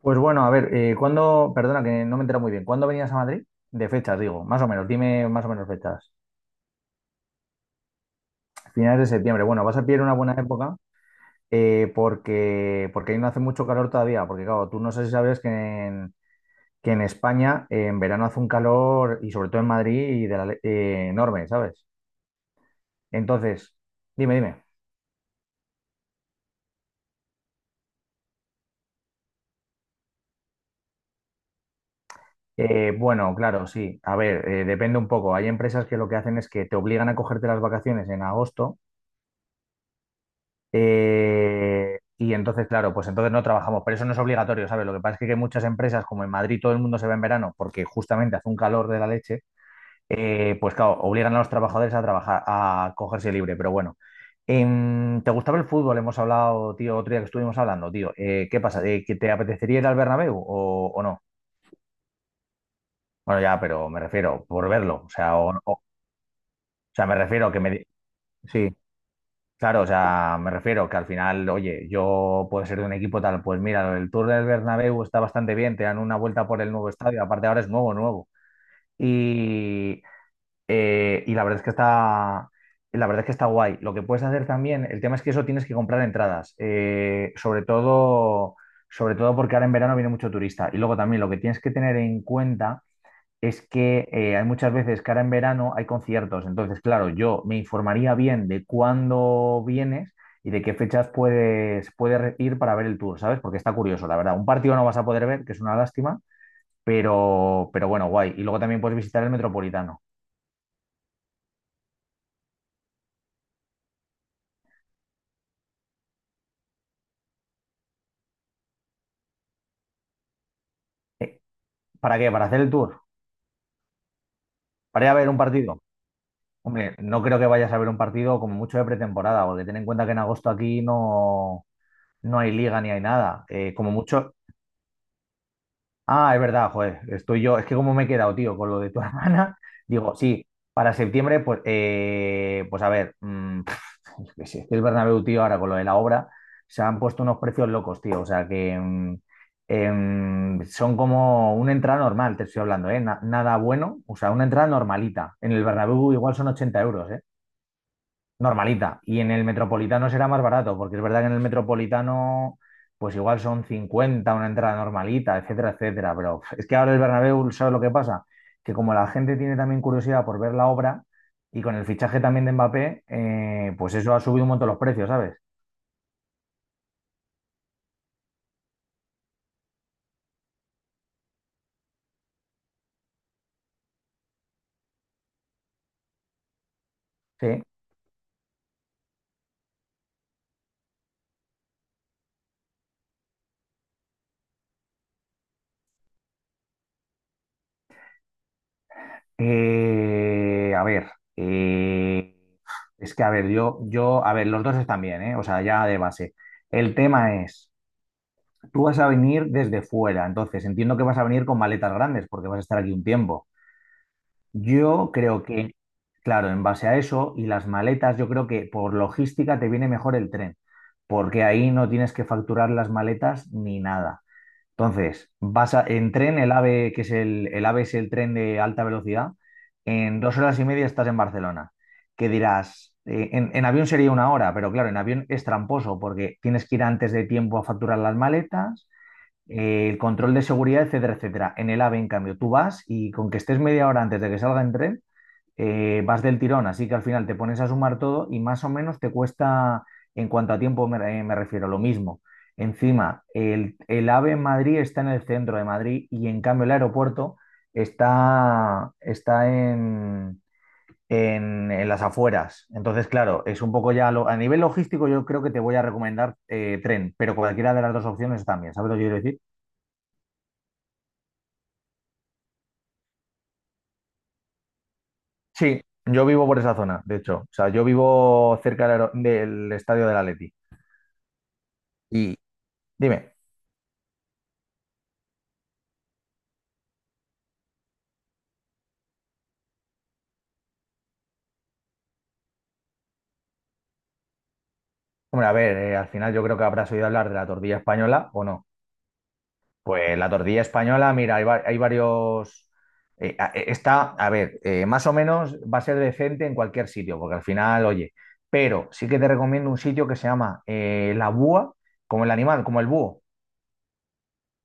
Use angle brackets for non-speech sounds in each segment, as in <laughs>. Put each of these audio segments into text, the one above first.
Pues bueno, a ver, perdona que no me entero muy bien, ¿cuándo venías a Madrid? De fechas, digo, más o menos, dime más o menos fechas. Finales de septiembre, bueno, vas a pillar una buena época, porque ahí no hace mucho calor todavía, porque claro, tú no sé si sabes que en España, en verano hace un calor, y sobre todo en Madrid, y enorme, ¿sabes? Entonces, dime, dime. Bueno, claro, sí, a ver, depende un poco. Hay empresas que lo que hacen es que te obligan a cogerte las vacaciones en agosto. Y entonces, claro, pues entonces no trabajamos, pero eso no es obligatorio, ¿sabes? Lo que pasa es que muchas empresas, como en Madrid todo el mundo se va en verano porque justamente hace un calor de la leche, pues claro, obligan a los trabajadores a trabajar, a cogerse libre, pero bueno. ¿Te gustaba el fútbol? Hemos hablado, tío, otro día que estuvimos hablando, tío. ¿Qué pasa? ¿Que te apetecería ir al Bernabéu o, no? Bueno, ya, pero me refiero por verlo, o sea, o sea, me refiero que me... Sí. Claro, o sea, me refiero que al final, oye, yo puedo ser de un equipo tal, pues mira, el Tour del Bernabéu está bastante bien, te dan una vuelta por el nuevo estadio, aparte ahora es nuevo, nuevo. Y, y la verdad es que está guay. Lo que puedes hacer también, el tema es que eso tienes que comprar entradas, sobre todo porque ahora en verano viene mucho turista. Y luego también lo que tienes que tener en cuenta es que hay muchas veces que ahora en verano hay conciertos. Entonces, claro, yo me informaría bien de cuándo vienes y de qué fechas puedes ir para ver el tour, ¿sabes? Porque está curioso, la verdad. Un partido no vas a poder ver, que es una lástima, pero bueno, guay. Y luego también puedes visitar el Metropolitano. Eh, ¿Para qué? ¿Para hacer el tour? ¿Para ir a ver un partido? Hombre, no creo que vayas a ver un partido como mucho de pretemporada, porque ten en cuenta que en agosto aquí no hay liga ni hay nada. Como mucho. Ah, es verdad, joder, estoy yo. Es que como me he quedado, tío, con lo de tu <laughs> hermana, digo, sí, para septiembre, pues a ver, <laughs> es que sí, es que el Bernabéu, tío, ahora con lo de la obra, se han puesto unos precios locos, tío. O sea que son como una entrada normal, te estoy hablando, ¿eh? Nada bueno, o sea, una entrada normalita. En el Bernabéu igual son 80 euros, ¿eh? Normalita. Y en el Metropolitano será más barato, porque es verdad que en el Metropolitano, pues igual son 50 una entrada normalita, etcétera, etcétera. Pero uf, es que ahora el Bernabéu, ¿sabes lo que pasa? Que como la gente tiene también curiosidad por ver la obra y con el fichaje también de Mbappé, pues eso ha subido un montón los precios, ¿sabes? Sí. A ver, es que a ver, a ver, los dos están bien, ¿eh? O sea, ya de base. El tema es. Tú vas a venir desde fuera, entonces entiendo que vas a venir con maletas grandes porque vas a estar aquí un tiempo. Yo creo que, claro, en base a eso y las maletas, yo creo que por logística te viene mejor el tren, porque ahí no tienes que facturar las maletas ni nada. Entonces, en tren, el AVE, que es el AVE es el tren de alta velocidad, en 2 horas y media estás en Barcelona. ¿Qué dirás? En avión sería una hora, pero claro, en avión es tramposo porque tienes que ir antes de tiempo a facturar las maletas, el control de seguridad, etcétera, etcétera. En el AVE, en cambio, tú vas y con que estés media hora antes de que salga en tren, vas del tirón, así que al final te pones a sumar todo y más o menos te cuesta, en cuanto a tiempo me refiero, lo mismo. Encima, el AVE en Madrid está en el centro de Madrid, y en cambio el aeropuerto está en las afueras. Entonces, claro, es un poco ya a nivel logístico, yo creo que te voy a recomendar, tren, pero cualquiera de las dos opciones también, ¿sabes lo que quiero decir? Sí, yo vivo por esa zona, de hecho. O sea, yo vivo cerca del estadio del Atleti. Y dime, hombre, a ver, al final yo creo que habrás oído hablar de la tortilla española o no. Pues la tortilla española, mira, hay varios. A ver, más o menos va a ser decente en cualquier sitio, porque al final, oye, pero sí que te recomiendo un sitio que se llama, La Búa, como el animal, como el búho,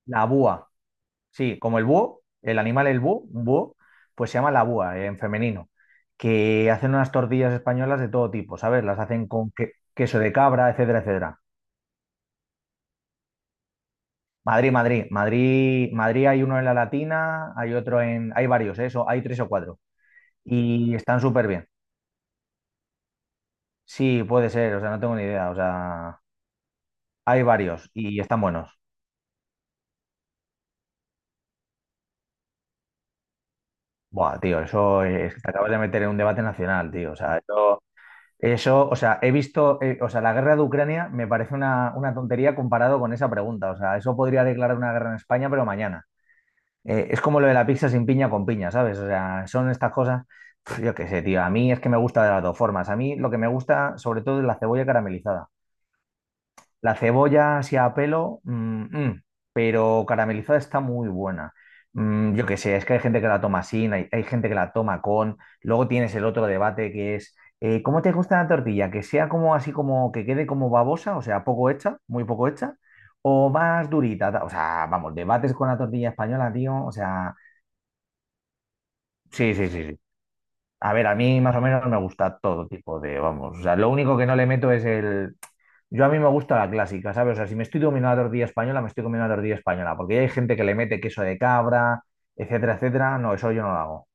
La Búa. Sí, como el búho, el animal el búho, un búho, pues se llama la Búa, en femenino, que hacen unas tortillas españolas de todo tipo, ¿sabes? Las hacen con queso de cabra, etcétera, etcétera. Madrid, Madrid, Madrid, Madrid hay uno en la Latina, hay otro hay varios, ¿eh? Eso, hay tres o cuatro y están súper bien. Sí, puede ser, o sea, no tengo ni idea, o sea, hay varios y están buenos. Buah, tío, eso es, te acabas de meter en un debate nacional, tío, o sea, eso. O sea, he visto, o sea, la guerra de Ucrania me parece una tontería comparado con esa pregunta. O sea, eso podría declarar una guerra en España, pero mañana. Es como lo de la pizza sin piña con piña, ¿sabes? O sea, son estas cosas. Yo qué sé, tío. A mí es que me gusta de las dos formas. A mí lo que me gusta sobre todo es la cebolla caramelizada. La cebolla así a pelo, mm, pero caramelizada está muy buena. Yo qué sé, es que hay gente que la toma sin, hay gente que la toma con. Luego tienes el otro debate que es, ¿cómo te gusta la tortilla? ¿Que sea como así como que quede como babosa, o sea, poco hecha, muy poco hecha, o más durita? O sea, vamos, debates con la tortilla española, tío. O sea, sí, sí, sí, sí. A ver, a mí más o menos me gusta todo tipo de, vamos, o sea, lo único que no le meto es el. Yo a mí me gusta la clásica, ¿sabes? O sea, si me estoy comiendo la tortilla española, me estoy comiendo la tortilla española, porque ya hay gente que le mete queso de cabra, etcétera, etcétera. No, eso yo no lo hago.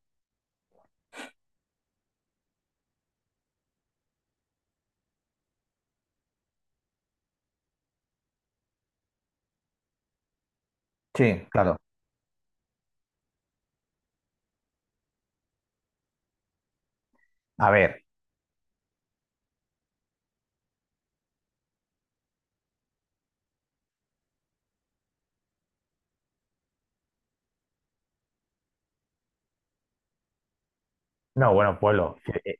Sí, claro. A ver, no, bueno, pueblo. Eh,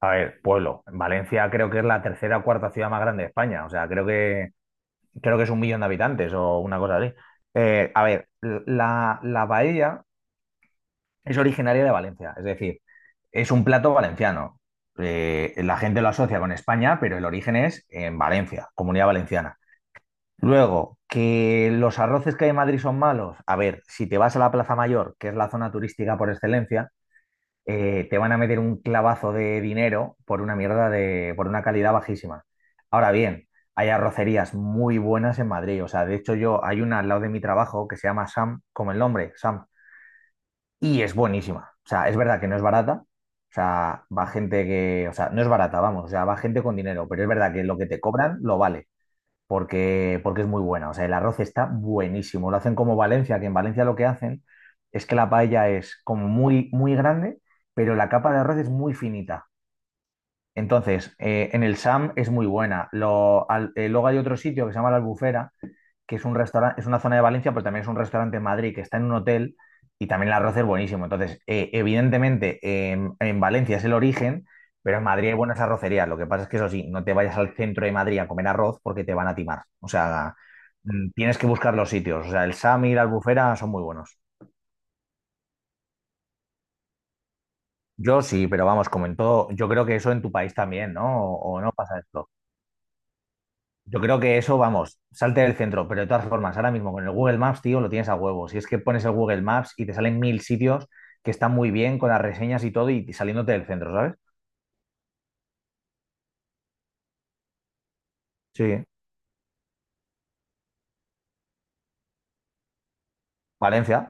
A ver, pueblo. Valencia creo que es la tercera o cuarta ciudad más grande de España, o sea, creo que es un millón de habitantes o una cosa así. A ver, la paella es originaria de Valencia, es decir, es un plato valenciano. La gente lo asocia con España, pero el origen es en Valencia, Comunidad Valenciana. Luego, que los arroces que hay en Madrid son malos. A ver, si te vas a la Plaza Mayor, que es la zona turística por excelencia, te van a meter un clavazo de dinero por una mierda por una calidad bajísima. Ahora bien, hay arrocerías muy buenas en Madrid. O sea, de hecho, yo hay una al lado de mi trabajo que se llama Sam, como el nombre, Sam, y es buenísima. O sea, es verdad que no es barata. O sea, va gente que, o sea, no es barata, vamos, o sea, va gente con dinero, pero es verdad que lo que te cobran lo vale, porque es muy buena. O sea, el arroz está buenísimo. Lo hacen como Valencia, que en Valencia lo que hacen es que la paella es como muy, muy grande, pero la capa de arroz es muy finita. Entonces, en el SAM es muy buena. Luego hay otro sitio que se llama La Albufera, que es un restaurante, es una zona de Valencia, pero también es un restaurante en Madrid que está en un hotel, y también el arroz es buenísimo. Entonces, evidentemente, en Valencia es el origen, pero en Madrid hay buenas arrocerías. Lo que pasa es que eso sí, no te vayas al centro de Madrid a comer arroz porque te van a timar. O sea, tienes que buscar los sitios. O sea, el Sami y la Albufera son muy buenos. Yo sí, pero vamos, como en todo, yo creo que eso en tu país también, ¿no? O no pasa esto? Yo creo que eso, vamos, salte del centro, pero de todas formas, ahora mismo con el Google Maps, tío, lo tienes a huevo. Si es que pones el Google Maps y te salen mil sitios que están muy bien con las reseñas y todo y saliéndote del centro, ¿sabes? Sí, Valencia,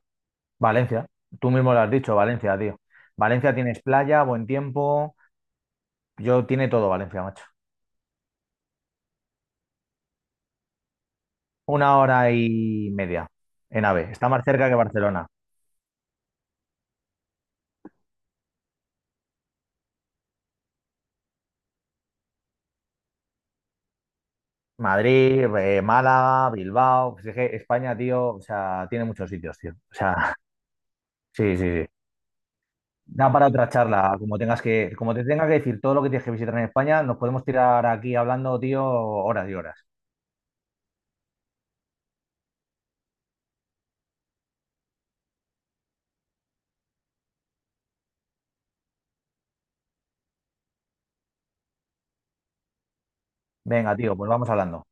Valencia. Tú mismo lo has dicho, Valencia, tío. Valencia tienes playa, buen tiempo. Yo tiene todo Valencia, macho. Una hora y media en AVE. Está más cerca que Barcelona. Madrid, Málaga, Bilbao. Pues es que España, tío, o sea, tiene muchos sitios, tío. O sea, <laughs> sí, sí, sí. Da para otra charla, como te tenga que decir todo lo que tienes que visitar en España, nos podemos tirar aquí hablando, tío, horas y horas. Venga, tío, pues vamos hablando.